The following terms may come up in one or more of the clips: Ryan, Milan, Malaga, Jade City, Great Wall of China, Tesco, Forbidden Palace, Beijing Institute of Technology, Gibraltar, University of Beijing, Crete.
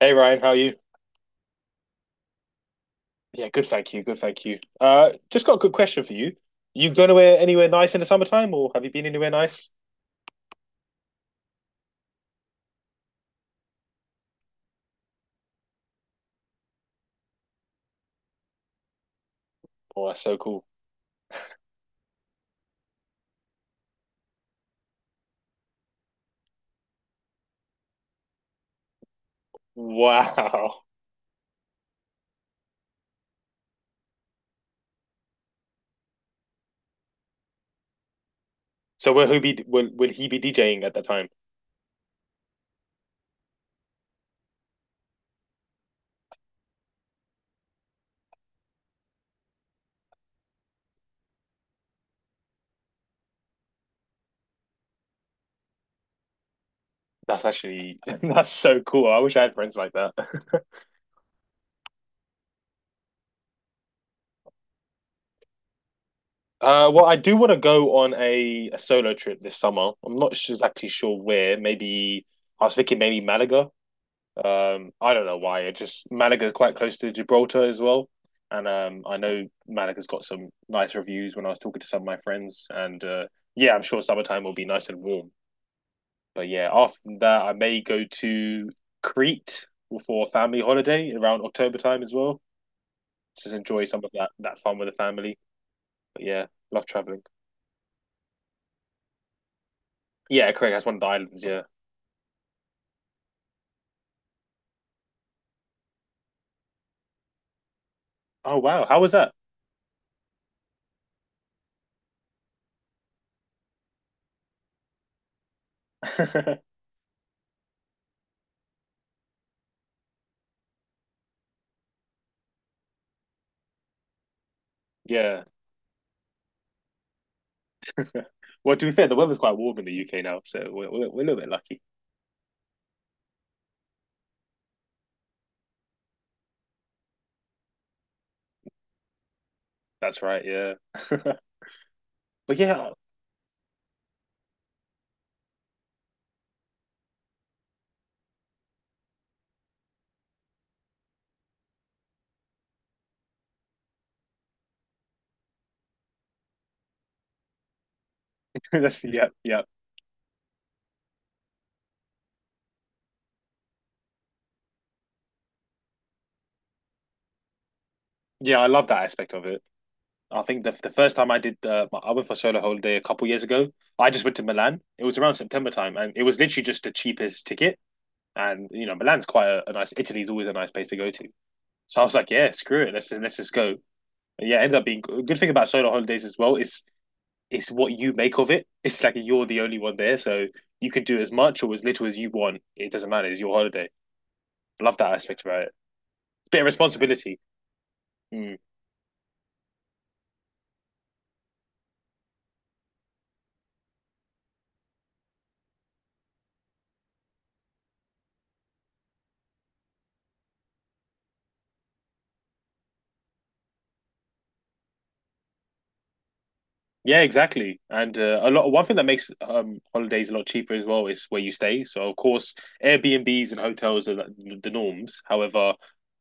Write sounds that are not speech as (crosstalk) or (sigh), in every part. Hey Ryan, how are you? Yeah, good, thank you. Good, thank you. Just got a good question for you. You going anywhere nice in the summertime, or have you been anywhere nice? Oh, that's so cool. Wow. So will he be will he be DJing at that time? That's actually (laughs) that's so cool. I wish I had friends like that. (laughs) Well, I do want to go on a solo trip this summer. I'm not su- exactly sure where. Maybe I was thinking maybe Malaga. I don't know why. It just Malaga is quite close to Gibraltar as well, and I know Malaga's got some nice reviews when I was talking to some of my friends. And yeah, I'm sure summertime will be nice and warm. But yeah, after that, I may go to Crete for a family holiday around October time as well. Just enjoy some of that fun with the family. But yeah, love traveling. Yeah, Craig, that's one of the islands. Yeah. Oh wow, how was that? (laughs) yeah. (laughs) well, to be fair, the weather's quite warm in the UK now, so we're a little bit lucky. That's right, yeah. (laughs) But yeah, (laughs) that's yeah, yeah. I love that aspect of it. I think the first time I did I went for a solo holiday a couple years ago. I just went to Milan. It was around September time, and it was literally just the cheapest ticket. And you know, Milan's quite a nice. Italy's always a nice place to go to. So I was like, yeah, screw it, let's just go. And yeah, it ended up being a good thing about solo holidays as well is it's what you make of it. It's like you're the only one there, so you can do as much or as little as you want. It doesn't matter. It's your holiday. I love that aspect about it. It's a bit of responsibility. Mm. Yeah, exactly. And a lot. One thing that makes holidays a lot cheaper as well is where you stay. So of course, Airbnbs and hotels are the norms. However,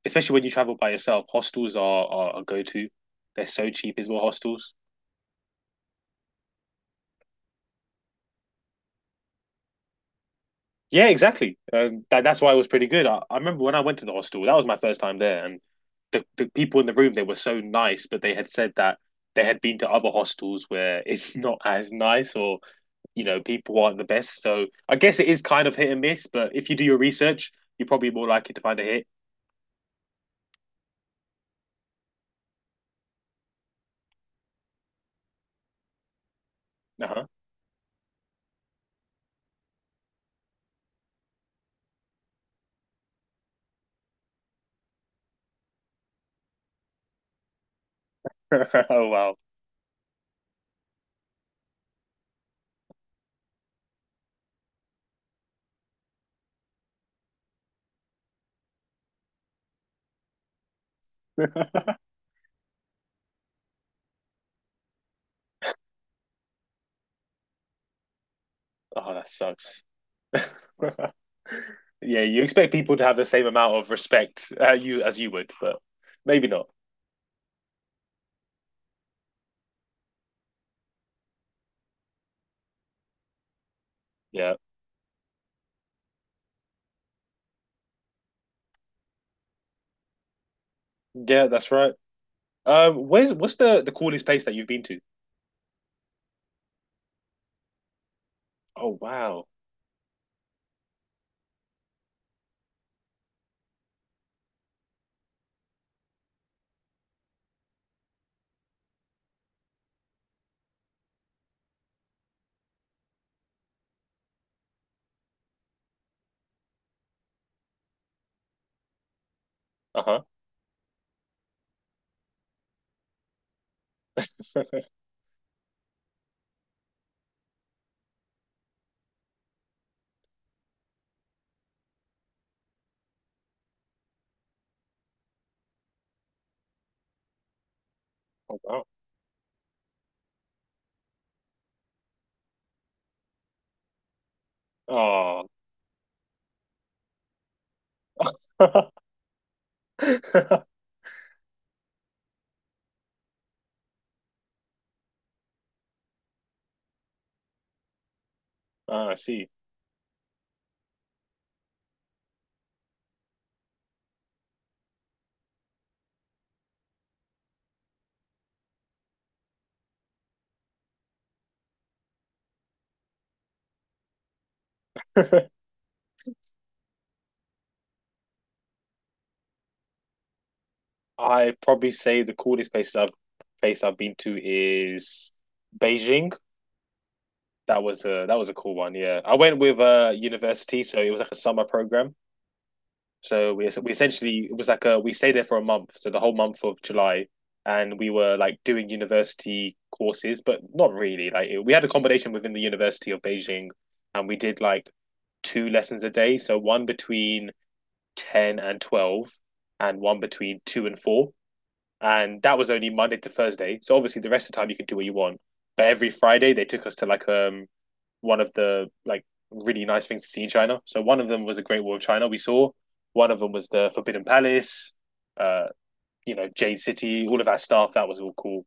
especially when you travel by yourself, hostels are a go to. They're so cheap as well. Hostels. Yeah, exactly. That's why it was pretty good. I remember when I went to the hostel. That was my first time there, and the people in the room they were so nice, but they had said that they had been to other hostels where it's (laughs) not as nice or you know people aren't the best. So I guess it is kind of hit and miss. But if you do your research, you're probably more likely to find a hit. Uh-huh. (laughs) oh wow. (laughs) oh, that sucks. (laughs) yeah, you expect people to have the same amount of respect you as you would, but maybe not. Yeah, yeah, that's right. Where's What's the coolest place that you've been to? Oh wow. Uh huh. (laughs) oh wow. Oh. (laughs) Ah, I see. (laughs) I probably say the coolest place I've been to is Beijing. That was a cool one. Yeah, I went with a university, so it was like a summer program. So we essentially it was like a we stayed there for a month, so the whole month of July, and we were like doing university courses, but not really. We had accommodation within the University of Beijing, and we did like two lessons a day, so one between 10 and 12, and one between 2 and 4 and that was only Monday to Thursday. So obviously the rest of the time you could do what you want. But every Friday they took us to like one of the like really nice things to see in China. So one of them was the Great Wall of China we saw. One of them was the Forbidden Palace, uh, you know, Jade City, all of that stuff. That was all cool.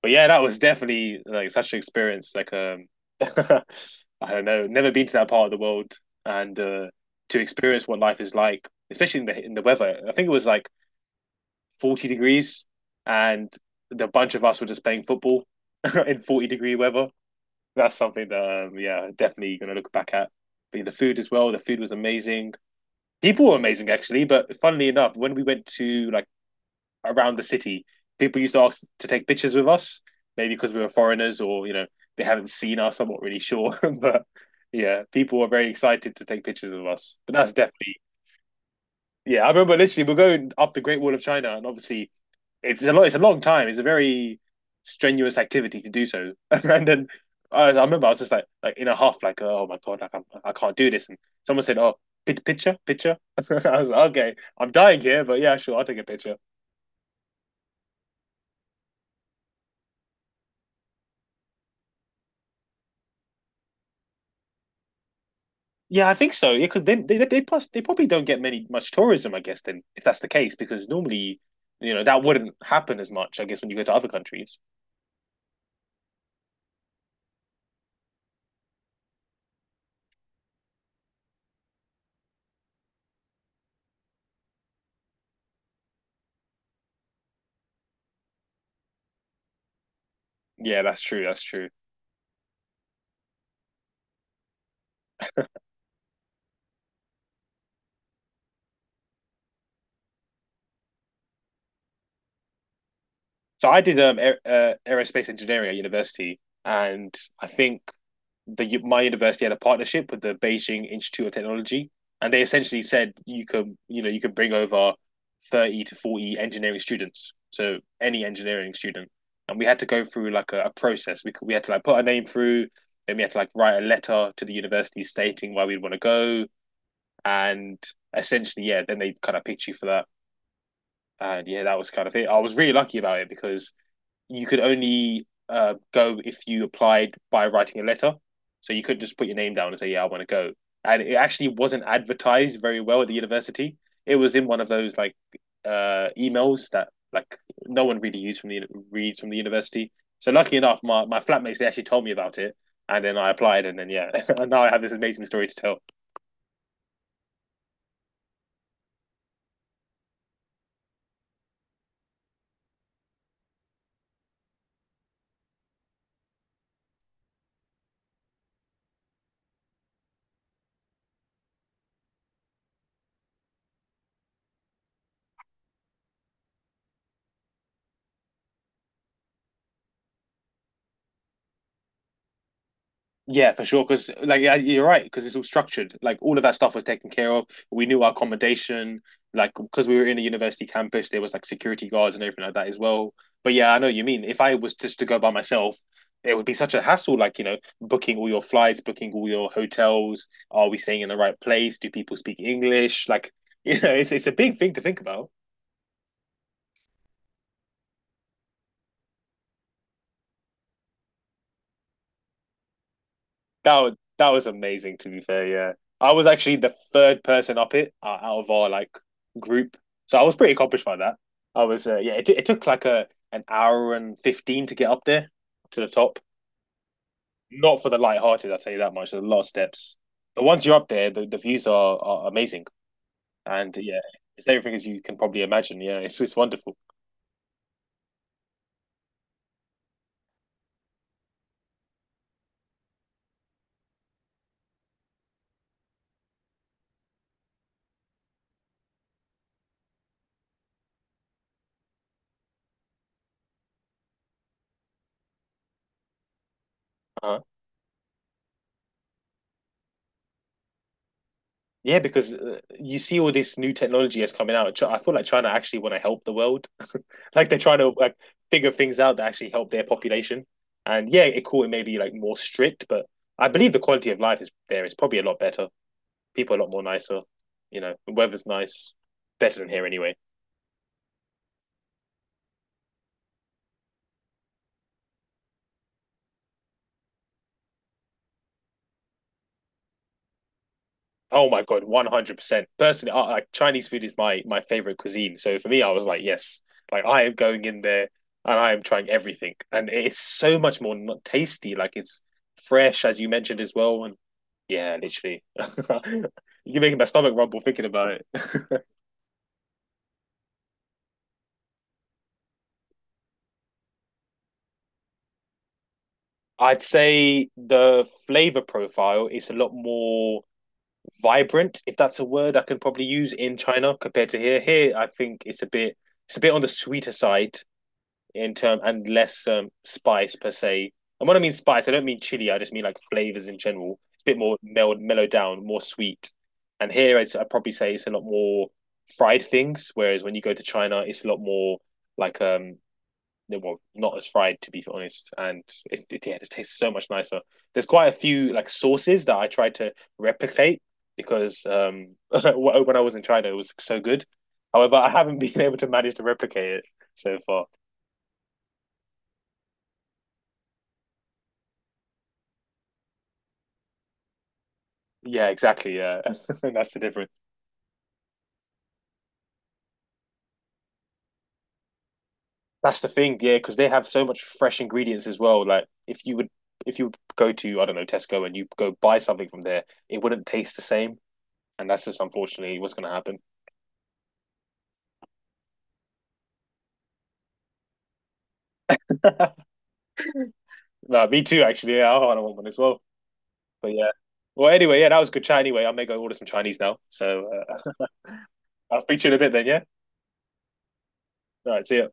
But yeah, that was definitely like such an experience. Like (laughs) I don't know, never been to that part of the world and to experience what life is like, especially in the weather. I think it was like 40 degrees and the bunch of us were just playing football (laughs) in 40-degree weather. That's something that, yeah, definitely going to look back at. But the food as well, the food was amazing. People were amazing, actually. But funnily enough, when we went to like around the city, people used to ask to take pictures with us, maybe because we were foreigners or, you know, they haven't seen us. I'm not really sure. (laughs) but yeah, people were very excited to take pictures of us. But that's definitely, yeah, I remember literally we're going up the Great Wall of China and obviously it's a lot. It's a long time. It's a very strenuous activity to do so. (laughs) and then I remember I was just like, in a huff, like, oh my god, I can't do this. And someone said, oh, picture, picture. (laughs) I was like, okay, I'm dying here, but yeah, sure, I'll take a picture. Yeah, I think so. Yeah, because then they probably don't get many much tourism, I guess. Then if that's the case, because normally, you know, that wouldn't happen as much, I guess, when you go to other countries. Yeah, that's true. That's true. So I did aerospace engineering at university, and I think the my university had a partnership with the Beijing Institute of Technology, and they essentially said you could you know you could bring over 30 to 40 engineering students, so any engineering student, and we had to go through like a process. We had to like put our name through, then we had to like write a letter to the university stating why we'd want to go, and essentially yeah, then they kind of picked you for that, and yeah, that was kind of it. I was really lucky about it because you could only go if you applied by writing a letter. So you could not just put your name down and say, "Yeah, I want to go." And it actually wasn't advertised very well at the university. It was in one of those like emails that like no one really used from the reads from the university. So lucky enough, my flatmates they actually told me about it, and then I applied, and then yeah, (laughs) and now I have this amazing story to tell. Yeah, for sure. Because like yeah, you're right. Because it's all structured. Like all of that stuff was taken care of. We knew our accommodation. Like because we were in a university campus, there was like security guards and everything like that as well. But yeah, I know what you mean. If I was just to go by myself, it would be such a hassle. Like you know, booking all your flights, booking all your hotels. Are we staying in the right place? Do people speak English? Like (laughs) you know, it's a big thing to think about. That was amazing. To be fair, yeah, I was actually the third person up it out of our like group, so I was pretty accomplished by that. Yeah, it took like a an hour and 15 to get up there to the top. Not for the light-hearted, I'll tell you that much. There's a lot of steps, but once you're up there, the views are amazing, and yeah, it's everything as you can probably imagine. Yeah, it's wonderful. Uh-huh. Yeah, because you see all this new technology that's coming out. I feel like China actually want to help the world like they're trying to like figure things out that actually help their population. And yeah, it cool. It may be like more strict, but I believe the quality of life is there is probably a lot better. People are a lot more nicer. You know, the weather's nice, better than here anyway. Oh my god, 100%. Personally, I, like Chinese food is my favorite cuisine. So for me, I was like, yes, like I am going in there and I am trying everything, and it's so much tasty. Like it's fresh, as you mentioned as well, and yeah, literally, (laughs) you're making my stomach rumble thinking about it. (laughs) I'd say the flavor profile is a lot more vibrant, if that's a word I can probably use in China compared to here. Here, I think it's a bit on the sweeter side in term and less spice per se. And when I mean spice, I don't mean chili. I just mean like flavors in general. It's a bit more mellowed down, more sweet. And here, I'd probably say it's a lot more fried things. Whereas when you go to China, it's a lot more like they well, not as fried to be honest, and yeah, it tastes so much nicer. There's quite a few like sauces that I tried to replicate because (laughs) when I was in China, it was so good. However, I haven't (laughs) been able to manage to replicate it so far. Yeah, exactly. Yeah, (laughs) that's the difference. That's the thing. Yeah, because they have so much fresh ingredients as well. Like if you would go to I don't know Tesco and you go buy something from there, it wouldn't taste the same. And that's just unfortunately what's going to happen. (laughs) No, me too. Actually, yeah, I want one as well. But yeah. Well, anyway, yeah, that was good chat. Anyway, I may go order some Chinese now. So (laughs) I'll speak to you in a bit then. Yeah. All right. See ya.